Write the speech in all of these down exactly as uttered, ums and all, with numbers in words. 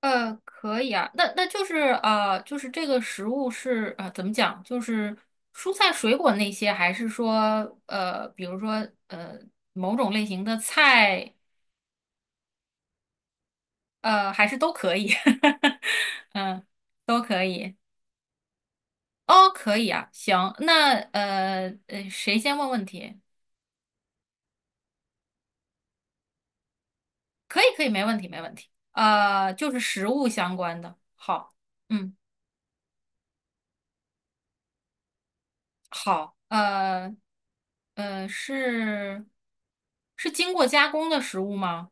呃，可以啊，那那就是呃，就是这个食物是呃，怎么讲？就是蔬菜水果那些，还是说呃，比如说呃，某种类型的菜，呃，还是都可以，嗯，都可以。哦，可以啊，行，那呃呃，谁先问问题？可以，可以，没问题，没问题。呃，就是食物相关的，好，嗯。好，呃，呃，是是经过加工的食物吗？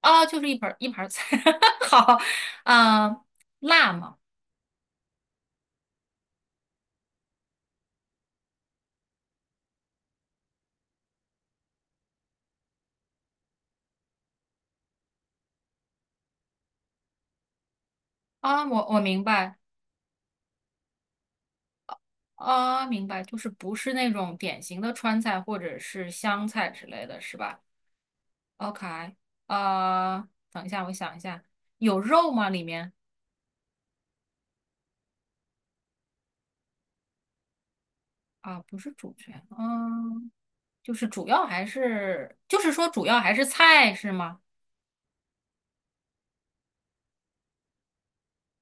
啊，就是一盘儿一盘儿菜。好，嗯、辣吗？啊，我我明白，啊，明白，就是不是那种典型的川菜或者是湘菜之类的是吧？OK,呃，等一下，我想一下，有肉吗？里面啊，不是主角，嗯，就是主要还是，就是说主要还是菜是吗？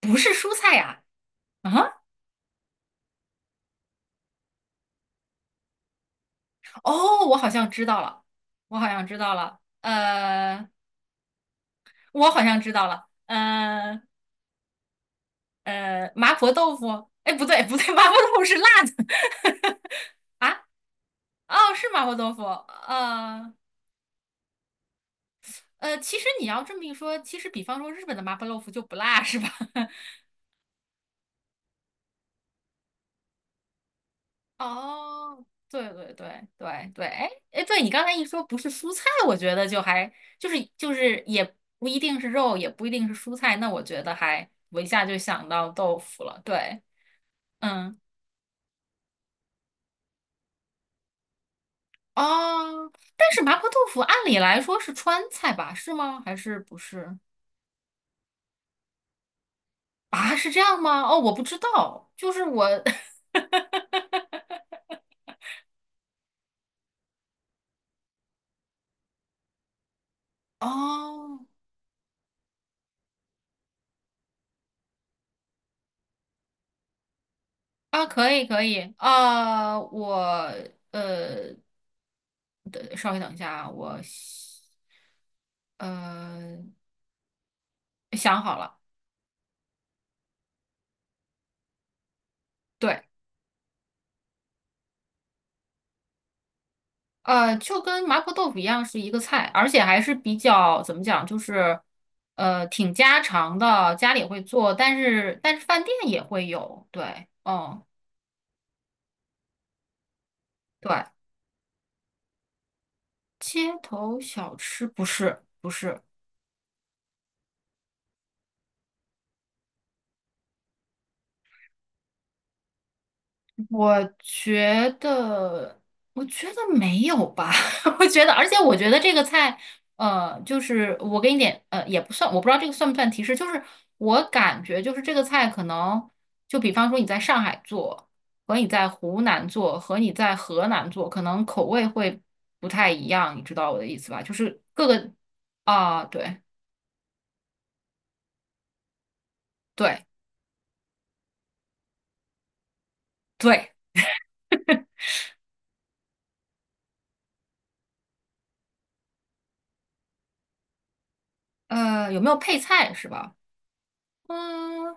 不是蔬菜呀、啊？哦，我好像知道了，我好像知道了，呃，我好像知道了，呃呃，麻婆豆腐，哎，不对不对，麻婆豆腐是辣的 啊，哦，是麻婆豆腐，呃呃，其实你要这么一说，其实比方说日本的麻婆豆腐就不辣是吧？哦，对对对对对，哎哎，对你刚才一说不是蔬菜，我觉得就还就是就是也不一定是肉，也不一定是蔬菜，那我觉得还我一下就想到豆腐了，对。嗯，哦，但是麻婆豆腐按理来说是川菜吧？是吗？还是不是？啊，是这样吗？哦，我不知道，就是我，哈哈哈哦，啊，可以可以，啊，我呃，等稍微等一下啊，我呃想好了，对。呃，就跟麻婆豆腐一样是一个菜，而且还是比较怎么讲，就是呃挺家常的，家里会做，但是但是饭店也会有，对，嗯，对，街头小吃不是不是，我觉得，我觉得没有吧。我觉得，而且我觉得这个菜，呃，就是我给你点，呃，也不算，我不知道这个算不算提示，就是我感觉就是这个菜可能，就比方说你在上海做，和你在湖南做，和你在河南做，可能口味会不太一样，你知道我的意思吧？就是各个啊，对对对，呃，有没有配菜是吧？嗯，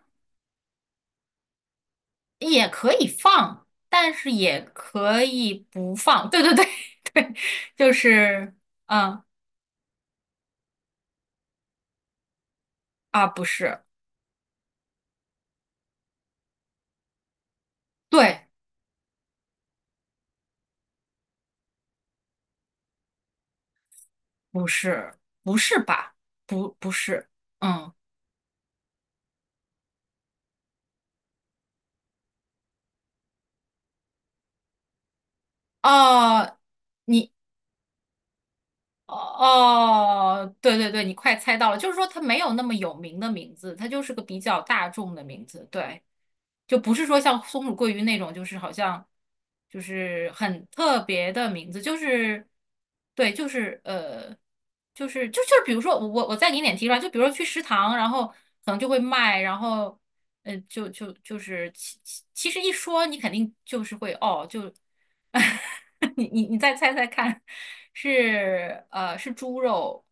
也可以放，但是也可以不放。对对对 对，就是嗯啊，不是，对，不是，不是吧？不不是，嗯哦，你哦，对对对，你快猜到了，就是说它没有那么有名的名字，它就是个比较大众的名字。对，就不是说像松鼠桂鱼那种，就是好像就是很特别的名字，就是对，就是呃，就是就就是比如说我我我再给你点提出来，就比如说去食堂，然后可能就会卖，然后呃，就就就是其其其实一说你肯定就是会哦，就 你你你再猜猜看，是呃是猪肉，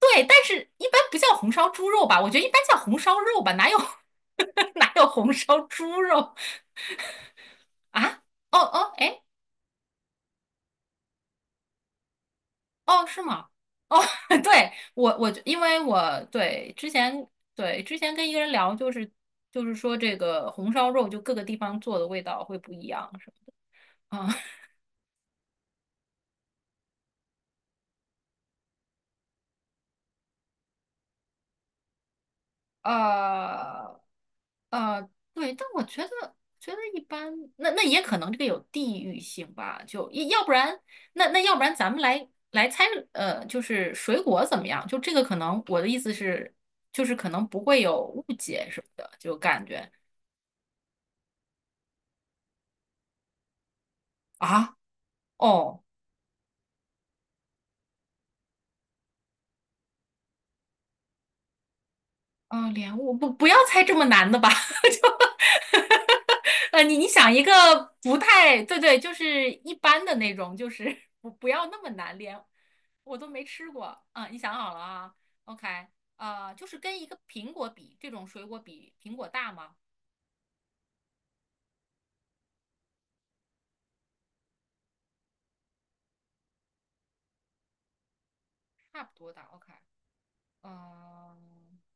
对，但是一般不叫红烧猪肉吧？我觉得一般叫红烧肉吧，哪有 哪有红烧猪肉啊？哦哦，哎，哦是吗？哦，对，我我因为我对之前对之前跟一个人聊，就是就是说这个红烧肉就各个地方做的味道会不一样，是吗？啊 呃，呃，对，但我觉得觉得一般，那那也可能这个有地域性吧，就要不然那那要不然咱们来来猜，呃，就是水果怎么样？就这个可能我的意思是，就是可能不会有误解什么的，就感觉啊，哦，啊、莲雾，不不要猜这么难的吧，就 呃，你你想一个不太对对，就是一般的那种，就是 不不要那么难，莲我都没吃过。啊，你想好了啊？OK,呃，就是跟一个苹果比，这种水果比苹果大吗？差不多大。OK,嗯、嗯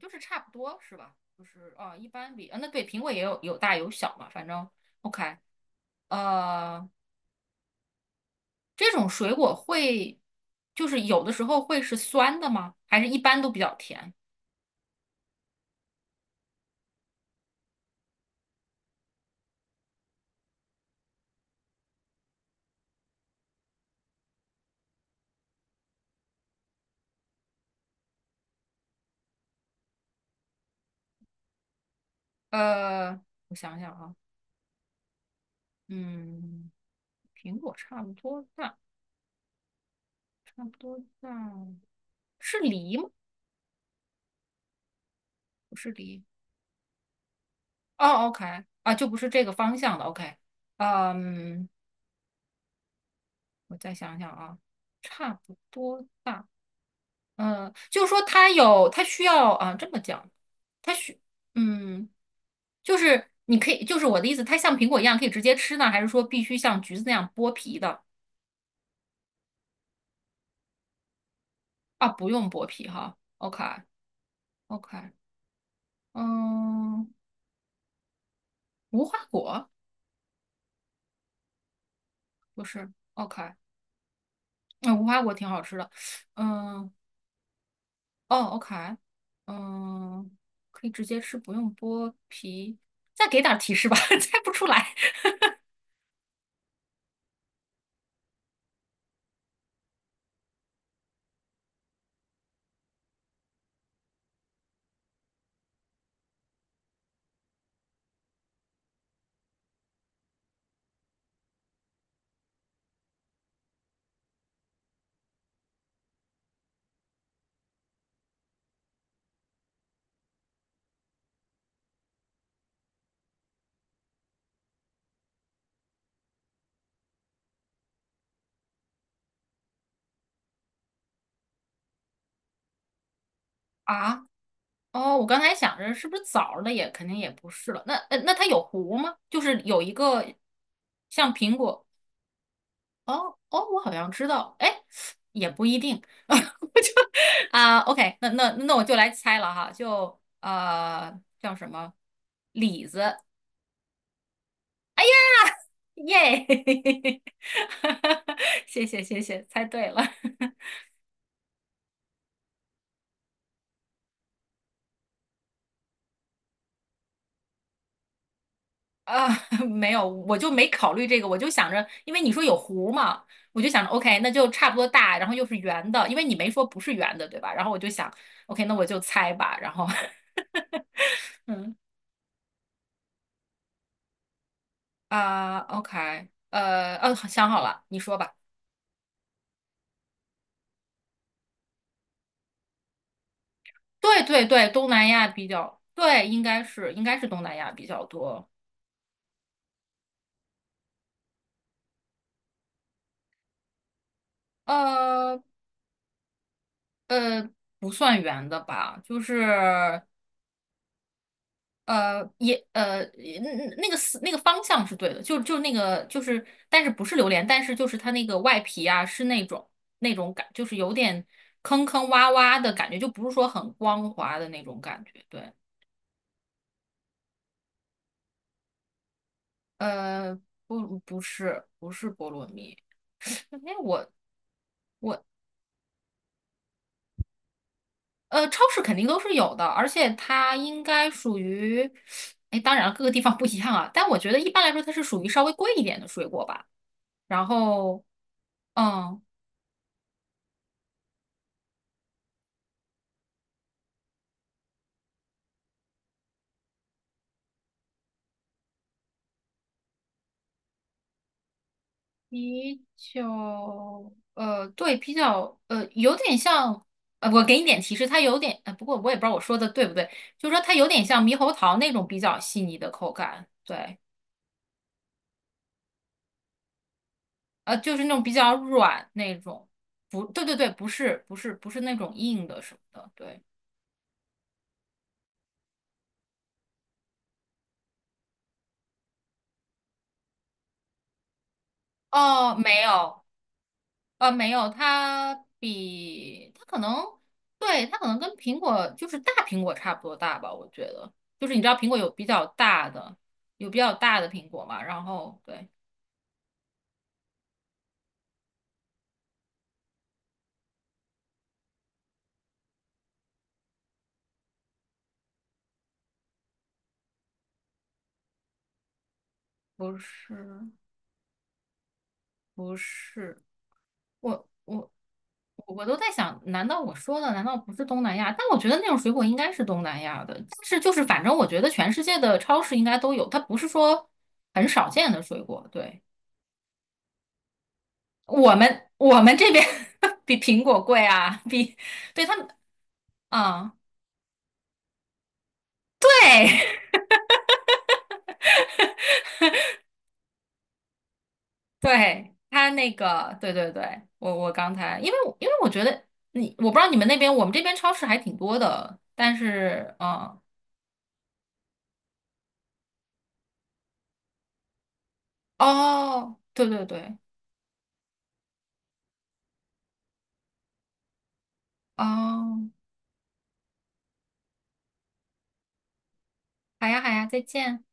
就是差不多是吧？就是啊，一般比啊，那对，苹果也有有大有小嘛，反正 OK,呃，这种水果会就是有的时候会是酸的吗？还是一般都比较甜？呃，我想想啊，嗯，苹果差不多大，差不多大，是梨吗？不是梨。哦，OK,啊，就不是这个方向的。OK,嗯，我再想想啊，差不多大。嗯，就是说它有，它需要啊，这么讲，它需，嗯，就是你可以，就是我的意思，它像苹果一样可以直接吃呢，还是说必须像橘子那样剥皮的？啊，不用剥皮哈。OK，OK，嗯，无花果不是？OK,那无花果挺好吃的。嗯。哦，OK,嗯，可以直接吃，不用剥皮。再给点儿提示吧，猜不出来啊。哦，我刚才想着是不是枣儿的也肯定也不是了。那呃那它有核吗？就是有一个像苹果。哦哦，我好像知道，哎，也不一定。我就啊，OK,那那那我就来猜了哈，就呃叫什么李子耶，谢谢谢谢，猜对了。啊，没有，我就没考虑这个，我就想着，因为你说有弧嘛，我就想着，OK,那就差不多大，然后又是圆的，因为你没说不是圆的，对吧？然后我就想，OK,那我就猜吧，然后，嗯啊，OK,呃，呃，想好了，你说吧。对对对，东南亚比较，对，应该是应该是东南亚比较多，呃呃，不算圆的吧，就是。呃，也呃，那那个思那个方向是对的，就就那个就是，但是不是榴莲，但是就是它那个外皮啊，是那种那种感，就是有点坑坑洼洼的感觉，就不是说很光滑的那种感觉。对，呃，不不是不是菠萝蜜，哎，我呃超市肯定都是有的，而且它应该属于，哎，当然了各个地方不一样啊，但我觉得一般来说它是属于稍微贵一点的水果吧，然后。嗯，啤酒，呃，对，比较，呃，有点像，呃，我给你点提示，它有点，呃，不过我也不知道我说的对不对，就是说它有点像猕猴桃那种比较细腻的口感，对，呃，就是那种比较软那种，不，对对对，不是，不是，不是那种硬的什么的，对，哦，没有，呃，没有，它比它可能，对，它可能跟苹果就是大苹果差不多大吧，我觉得。就是你知道苹果有比较大的，有比较大的苹果嘛，然后对，不是不是，我我我都在想，难道我说的难道不是东南亚？但我觉得那种水果应该是东南亚的，但是就是反正我觉得全世界的超市应该都有，它不是说很少见的水果，对。我们我们这边 比苹果贵啊，比对他们，嗯，对 对，他那个，对对对，我我刚才，因为因为我觉得你，我不知道你们那边，我们这边超市还挺多的，但是，嗯，哦，对对对，哦，好呀好呀，再见。